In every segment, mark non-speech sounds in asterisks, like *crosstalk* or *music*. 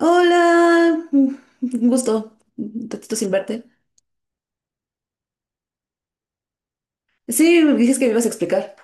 Hola, un gusto, un ratito sin verte. Sí, dices que me ibas a explicar.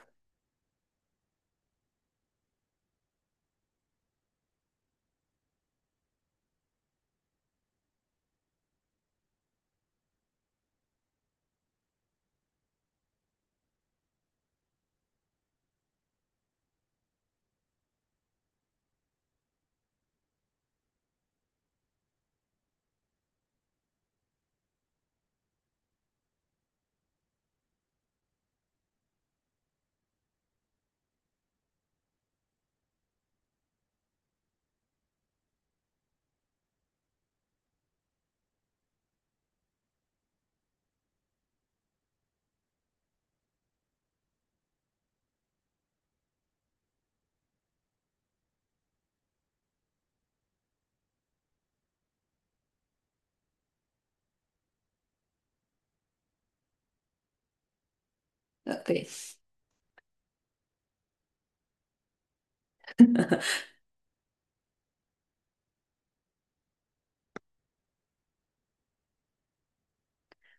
Ok,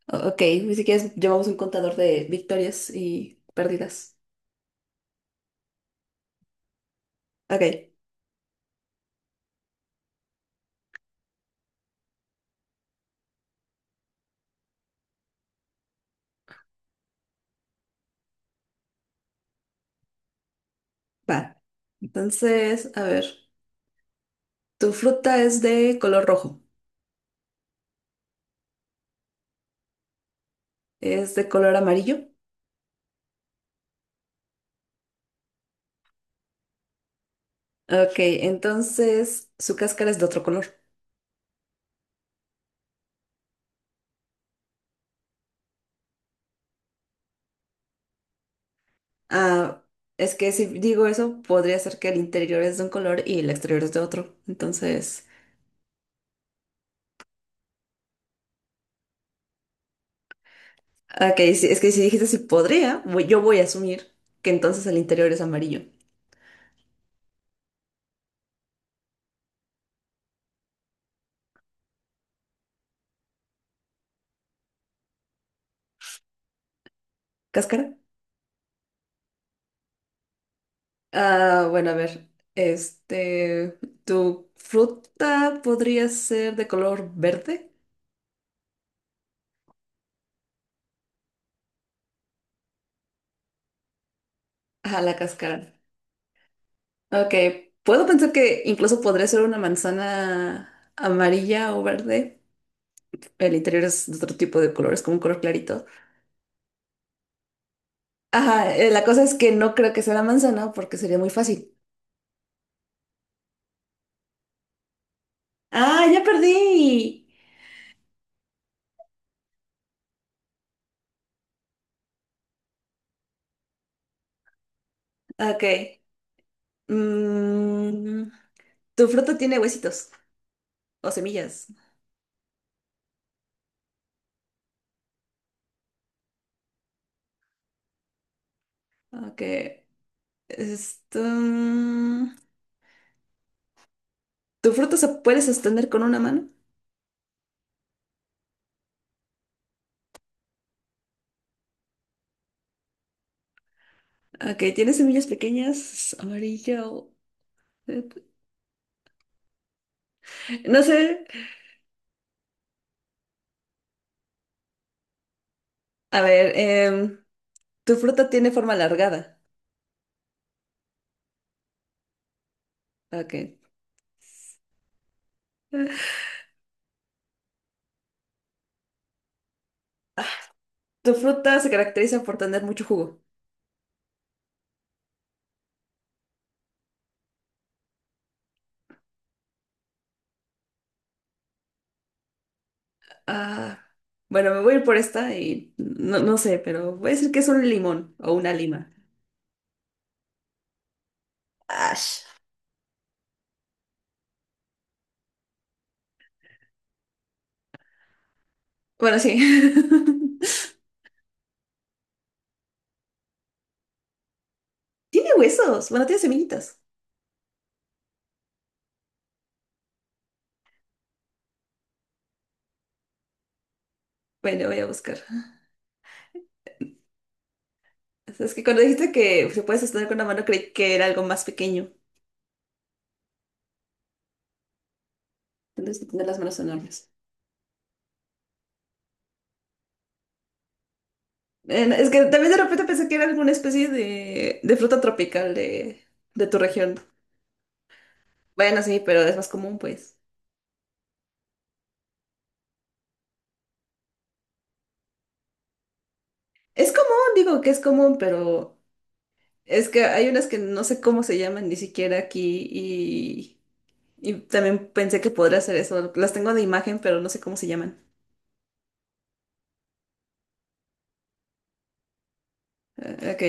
ok, si quieres llevamos un contador de victorias y pérdidas. Ok, va. Entonces, a ver, tu fruta es de color rojo, es de color amarillo. Ok, entonces su cáscara es de otro color. Ah, es que si digo eso, podría ser que el interior es de un color y el exterior es de otro. Entonces... Ah, ok, sí, es que si dijiste si podría, yo voy a asumir que entonces el interior es amarillo. ¿Cáscara? Ah, bueno, a ver. Este, ¿tu fruta podría ser de color verde? Ajá, la cáscara. Ok, puedo pensar que incluso podría ser una manzana amarilla o verde. El interior es de otro tipo de color, es como un color clarito. Ajá, la cosa es que no creo que sea la manzana porque sería muy fácil. ¡Ah, ya perdí! Ok. Mm, Tu fruta tiene huesitos o semillas. Ok. Esto... ¿Tu fruta se puede sostener con una mano? Ok, tiene semillas pequeñas, amarillo. eh, No sé. A ver, tu fruta tiene forma alargada. Ok. Tu fruta se caracteriza por tener mucho jugo. Ah, bueno, me voy a ir por esta y no, no sé, pero voy a decir que es un limón o una lima. Ash. Bueno, sí. *laughs* Tiene huesos. Bueno, tiene semillitas. Bueno, voy a buscar. Es que cuando dijiste que se puede sostener con la mano, creí que era algo más pequeño. Tienes que tener las manos enormes. Es que también de repente pensé que era alguna especie de fruta tropical de tu región. Bueno, sí, pero es más común, pues. Es común, digo que es común, pero es que hay unas que no sé cómo se llaman ni siquiera aquí y también pensé que podría ser eso. Las tengo de imagen, pero no sé cómo se llaman. Ok.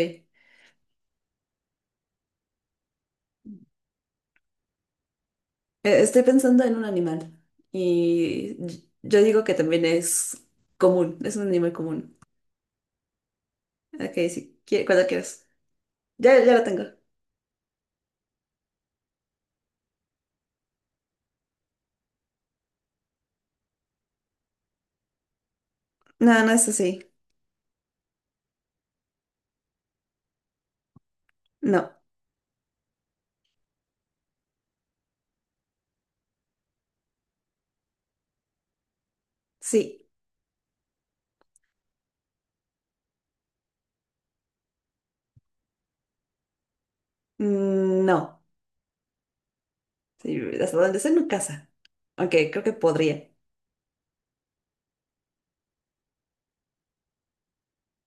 Estoy pensando en un animal y yo digo que también es común, es un animal común. Ok, sí, cuando quieras. Ya, ya lo tengo. No, no es así. No, sí. No. Sí, hasta donde sé no casa. Aunque creo que podría.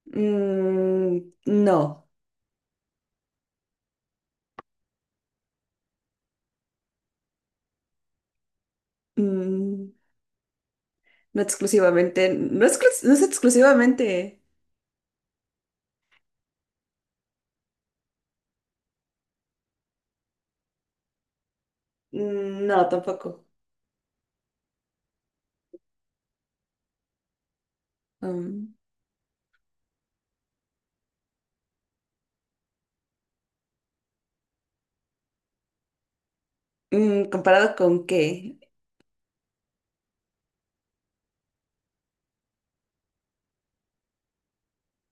Mm, no. Mm, no exclusivamente, no, no es exclusivamente. No, tampoco. Um, ¿Comparado con qué?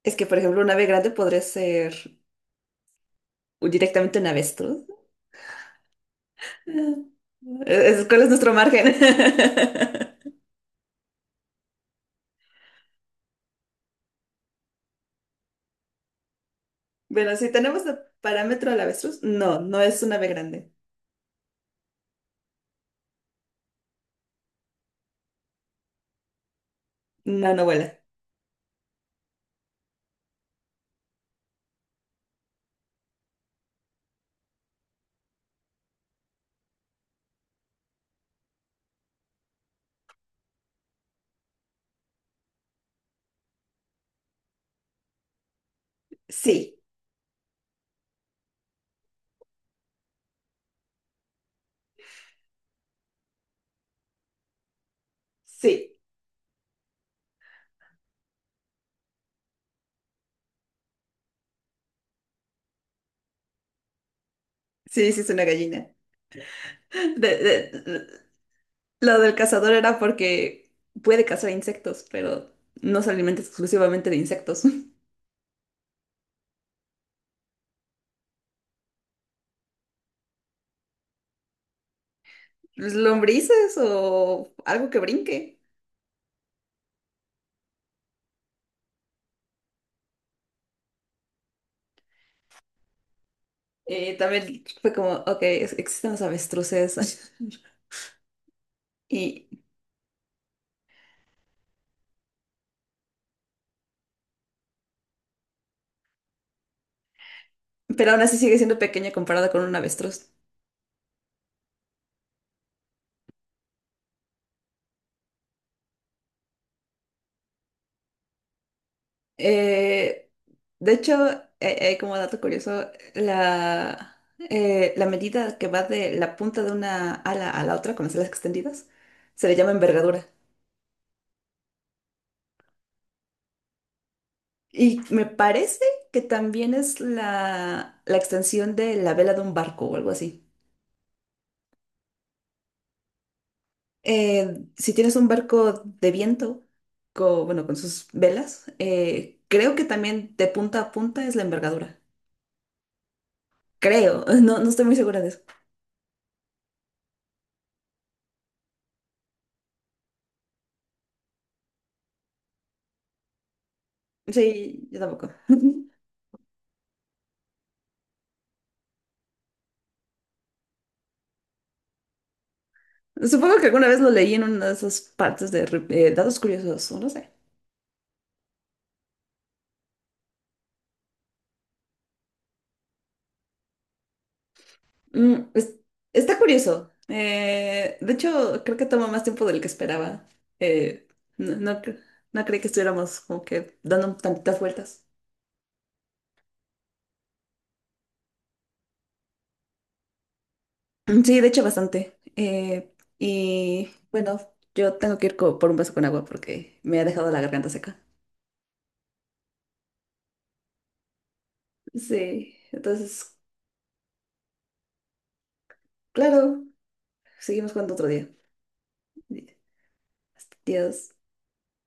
Es que, por ejemplo, un ave grande podría ser, o directamente una avestruz. ¿Cuál es nuestro margen? *laughs* Bueno, si tenemos el parámetro del avestruz, no, no es un ave grande. No, no vuela. Sí, sí, sí, sí es una gallina. De- de- lo del cazador era porque puede cazar insectos, pero no se alimenta exclusivamente de insectos. *laughs* Lombrices o algo que brinque. También fue como, ok, existen los avestruces. *laughs* Y pero aún así sigue siendo pequeña comparada con un avestruz. Eh, de hecho, como dato curioso, la, la medida que va de la punta de una ala a la otra con las alas extendidas se le llama envergadura. Y me parece que también es la extensión de la vela de un barco o algo así. Si tienes un barco de viento, bueno, con sus velas, creo que también de punta a punta es la envergadura. Creo, *laughs* no, no estoy muy segura de eso. Sí, yo tampoco. *laughs* Supongo que alguna vez lo leí en una de esas partes de datos curiosos, o no sé. Mm, está curioso. De hecho, creo que toma más tiempo del que esperaba. Eh, no, no, cre- no creí que estuviéramos como que dando tantitas vueltas. Mm, sí, de hecho, bastante. Y bueno, yo tengo que ir por un vaso con agua porque me ha dejado la garganta seca. Sí, entonces, claro, seguimos jugando otro día. Dios.